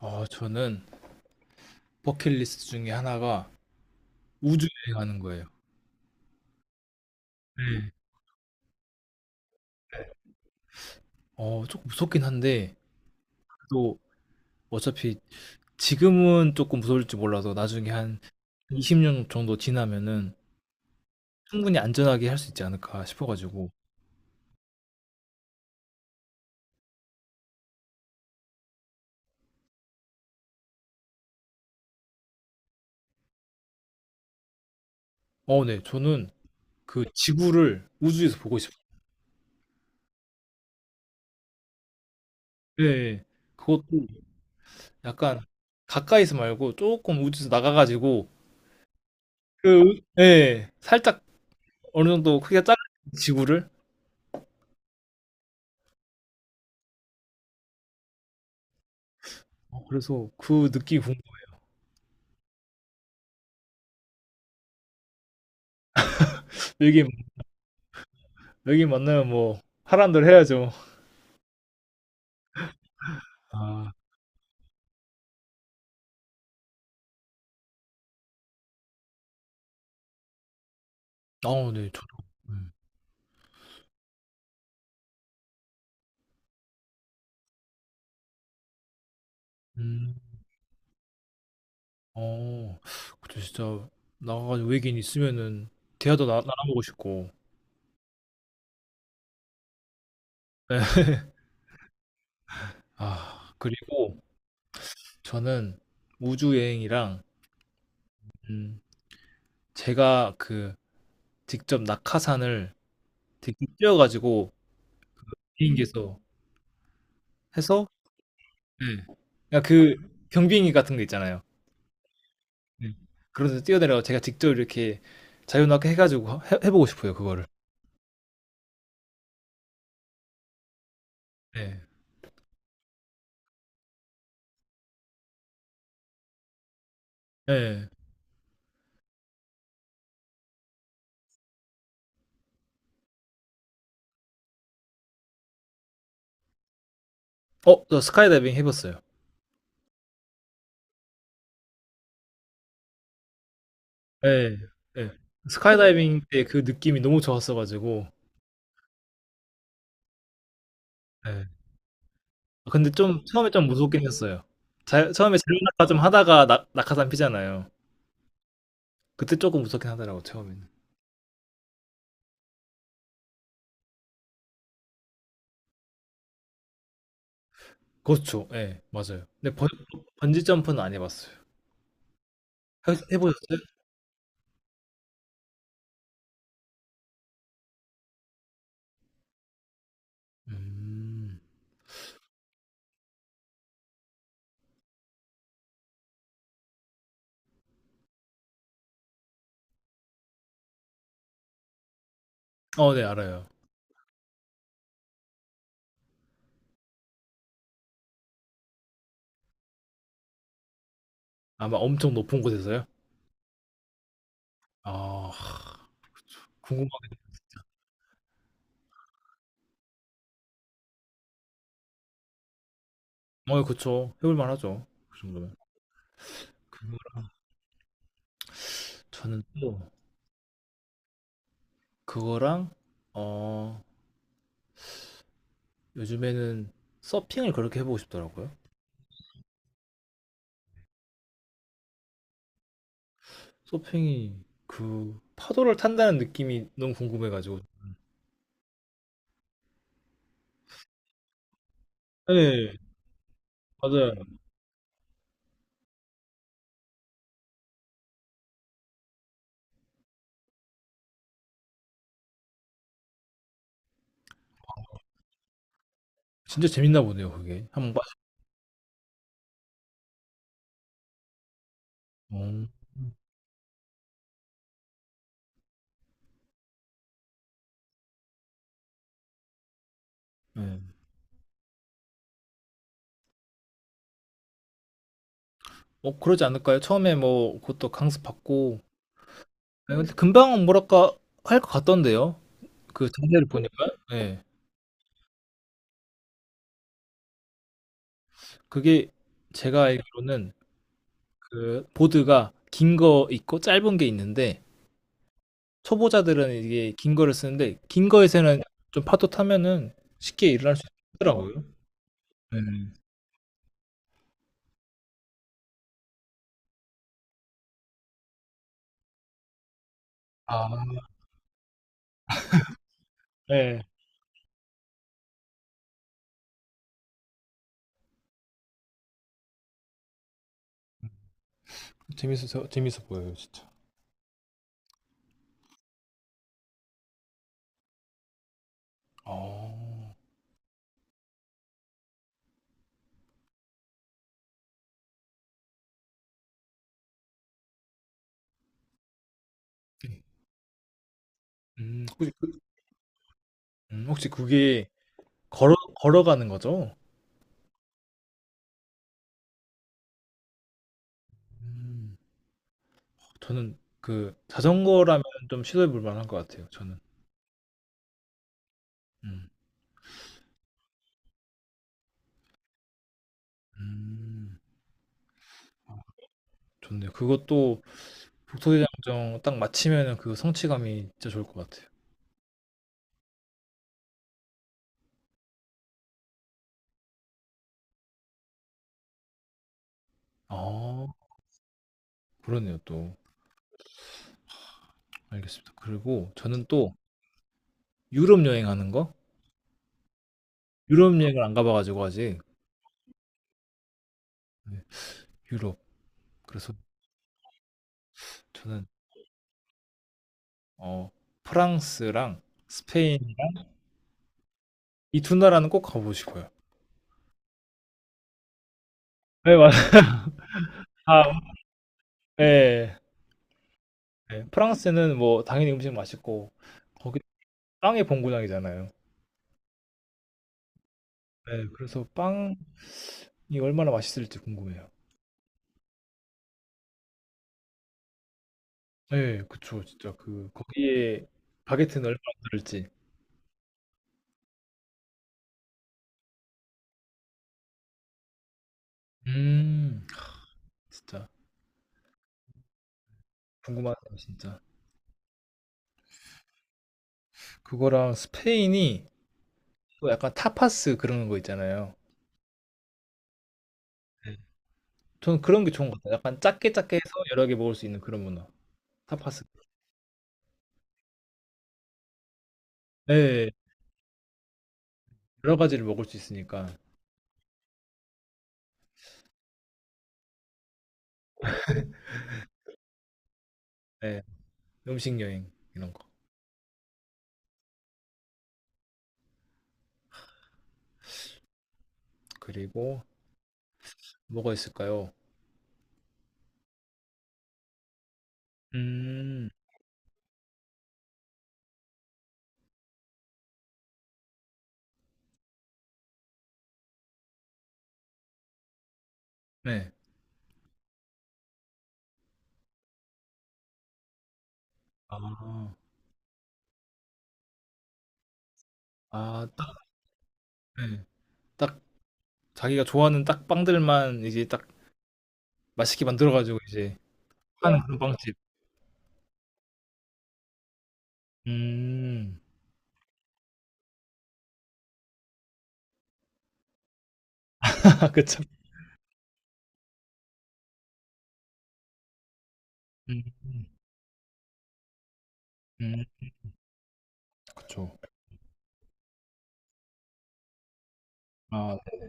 저는 버킷리스트 중에 하나가 우주 여행하는 거예요. 네. 조금 무섭긴 한데, 또 어차피 지금은 조금 무서울지 몰라도 나중에 한 20년 정도 지나면은 충분히 안전하게 할 수 있지 않을까 싶어가지고. 어, 네. 저는 그 지구를 우주에서 보고 싶어요. 예, 예. 그것도 약간 가까이서 말고 조금 우주에서 나가가지고, 예, 살짝 어느 정도 크기가 작은 지구를. 어, 그래서 그 느낌이 궁금해요. 이게 여기 만나면 뭐 하란 대로 해야죠. 아, 아, 네, 저도. 음, 음, 어, 그때 진짜 나가가지고 외계인 있으면은 대화도 나눠보고 싶고. 네. 아, 그리고 저는 우주 여행이랑 음, 제가 그 직접 낙하산을 직접 뛰어가지고 비행기에서 해서, 네. 그러니까 그 경비행기 같은 거 있잖아요. 네. 그런 데서 뛰어내려가 제가 직접 이렇게 자유낙하 해가지고 해보고 싶어요, 그거를. 네. 네. 어, 저 스카이다이빙 해봤어요. 예. 예. 스카이다이빙 때 그 느낌이 너무 좋았어가지고. 예. 근데 좀 처음에 좀 무섭긴 했어요. 처음에 자유낙하 좀 하다가 낙하산 피잖아요. 그때 조금 무섭긴 하더라고 처음에는. 그렇죠. 예, 맞아요. 번지 점프는 안 해봤어요. 해보셨어요? 음. 어, 네, 알아요. 아마 엄청 높은 곳에서요? 아, 궁금하게. 어, 예, 그쵸. 해볼 만하죠. 그 정도면. 그거 저는 또 그거랑 어 요즘에는 서핑을 그렇게 해보고 싶더라고요. 서핑이 그 파도를 탄다는 느낌이 너무 궁금해가지고. 네, 맞아요. 진짜 재밌나 보네요, 그게. 한번 빠지면. 네. 뭐 그러지 않을까요? 처음에 뭐 그것도 강습 받고. 네, 근데 금방 뭐랄까 할 것 같던데요. 그 자세를 보니까. 네. 그게 제가 알기로는 그 보드가 긴 거 있고 짧은 게 있는데 초보자들은 이게 긴 거를 쓰는데 긴 거에서는 좀 파도 타면은 쉽게 일을 할 수 있더라고요. 네. 아, 네. 재밌어 보여요, 진짜. 어. 네. 혹시 그, 혹시 그게 걸어 걸어가는 거죠? 음. 저는 그 자전거라면 좀 시도해 볼 만한 것 같아요. 저는. 음. 음. 좋네요. 그것도 북소대장정 딱 마치면은 그 성취감이 진짜 좋을 것 같아요. 아, 그러네요, 또. 알겠습니다. 그리고 저는 또 유럽 여행하는 거? 유럽 여행을 안 가봐가지고 아직 네, 유럽. 그래서 저는 어 프랑스랑 스페인이랑 이 두 나라는 꼭 가보고 싶어요. 네 맞아요. 아, 네, 네. 프랑스는 뭐 당연히 음식 맛있고 거기 빵의 본고장이잖아요. 네, 그래서 빵이 얼마나 맛있을지 궁금해요. 네, 그쵸. 진짜 그 거기에 바게트는 얼마나 들을지. 음, 진짜 궁금하네요 진짜. 그거랑 스페인이 또 약간 타파스 그런 거 있잖아요. 네. 저는 그런 게 좋은 것 같아요. 약간 작게 작게 해서 여러 개 먹을 수 있는 그런 문화. 타파스. 예. 여러 가지를 먹을 수 있으니까. 예. 음식 여행 이런 거. 그리고 뭐가 있을까요? 음. 네. 아. 아 딱 예. 딱 자기가 좋아하는 딱 빵들만 이제 딱 맛있게 만들어 가지고 이제 파는 그런 빵집. 음. 그쵸. 음. 음. 그쵸. 아 네.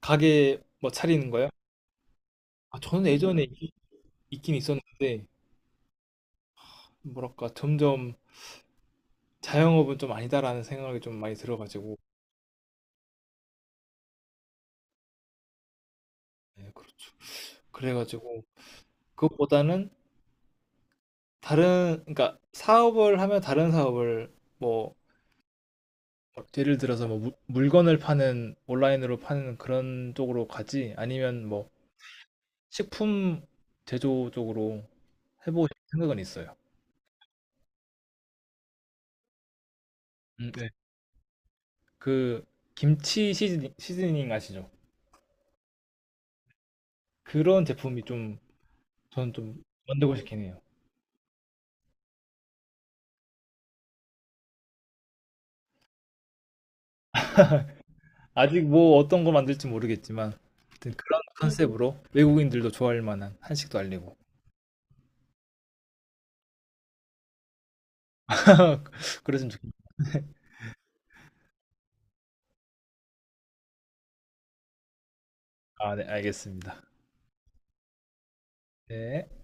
가게 뭐 차리는 거요? 아 저는 예전에 있 있긴 있었는데 뭐랄까 점점 자영업은 좀 아니다라는 생각이 좀 많이 들어 가지고 네 그렇죠. 그래 가지고 그것보다는 다른 그러니까 사업을 하면 다른 사업을 뭐 예를 들어서 뭐 물 물건을 파는 온라인으로 파는 그런 쪽으로 가지 아니면 뭐 식품 제조 쪽으로 해 보고 싶은 생각은 있어요. 네. 그 김치 시즈닝 아시죠? 그런 제품이 좀 저는 좀 만들고 싶긴 해요. 아직 뭐 어떤 거 만들지 모르겠지만 아무튼 그런 컨셉으로 외국인들도 좋아할 만한 한식도 알리고 그랬으면 좋겠다. 아, 네, 알겠습니다. 네.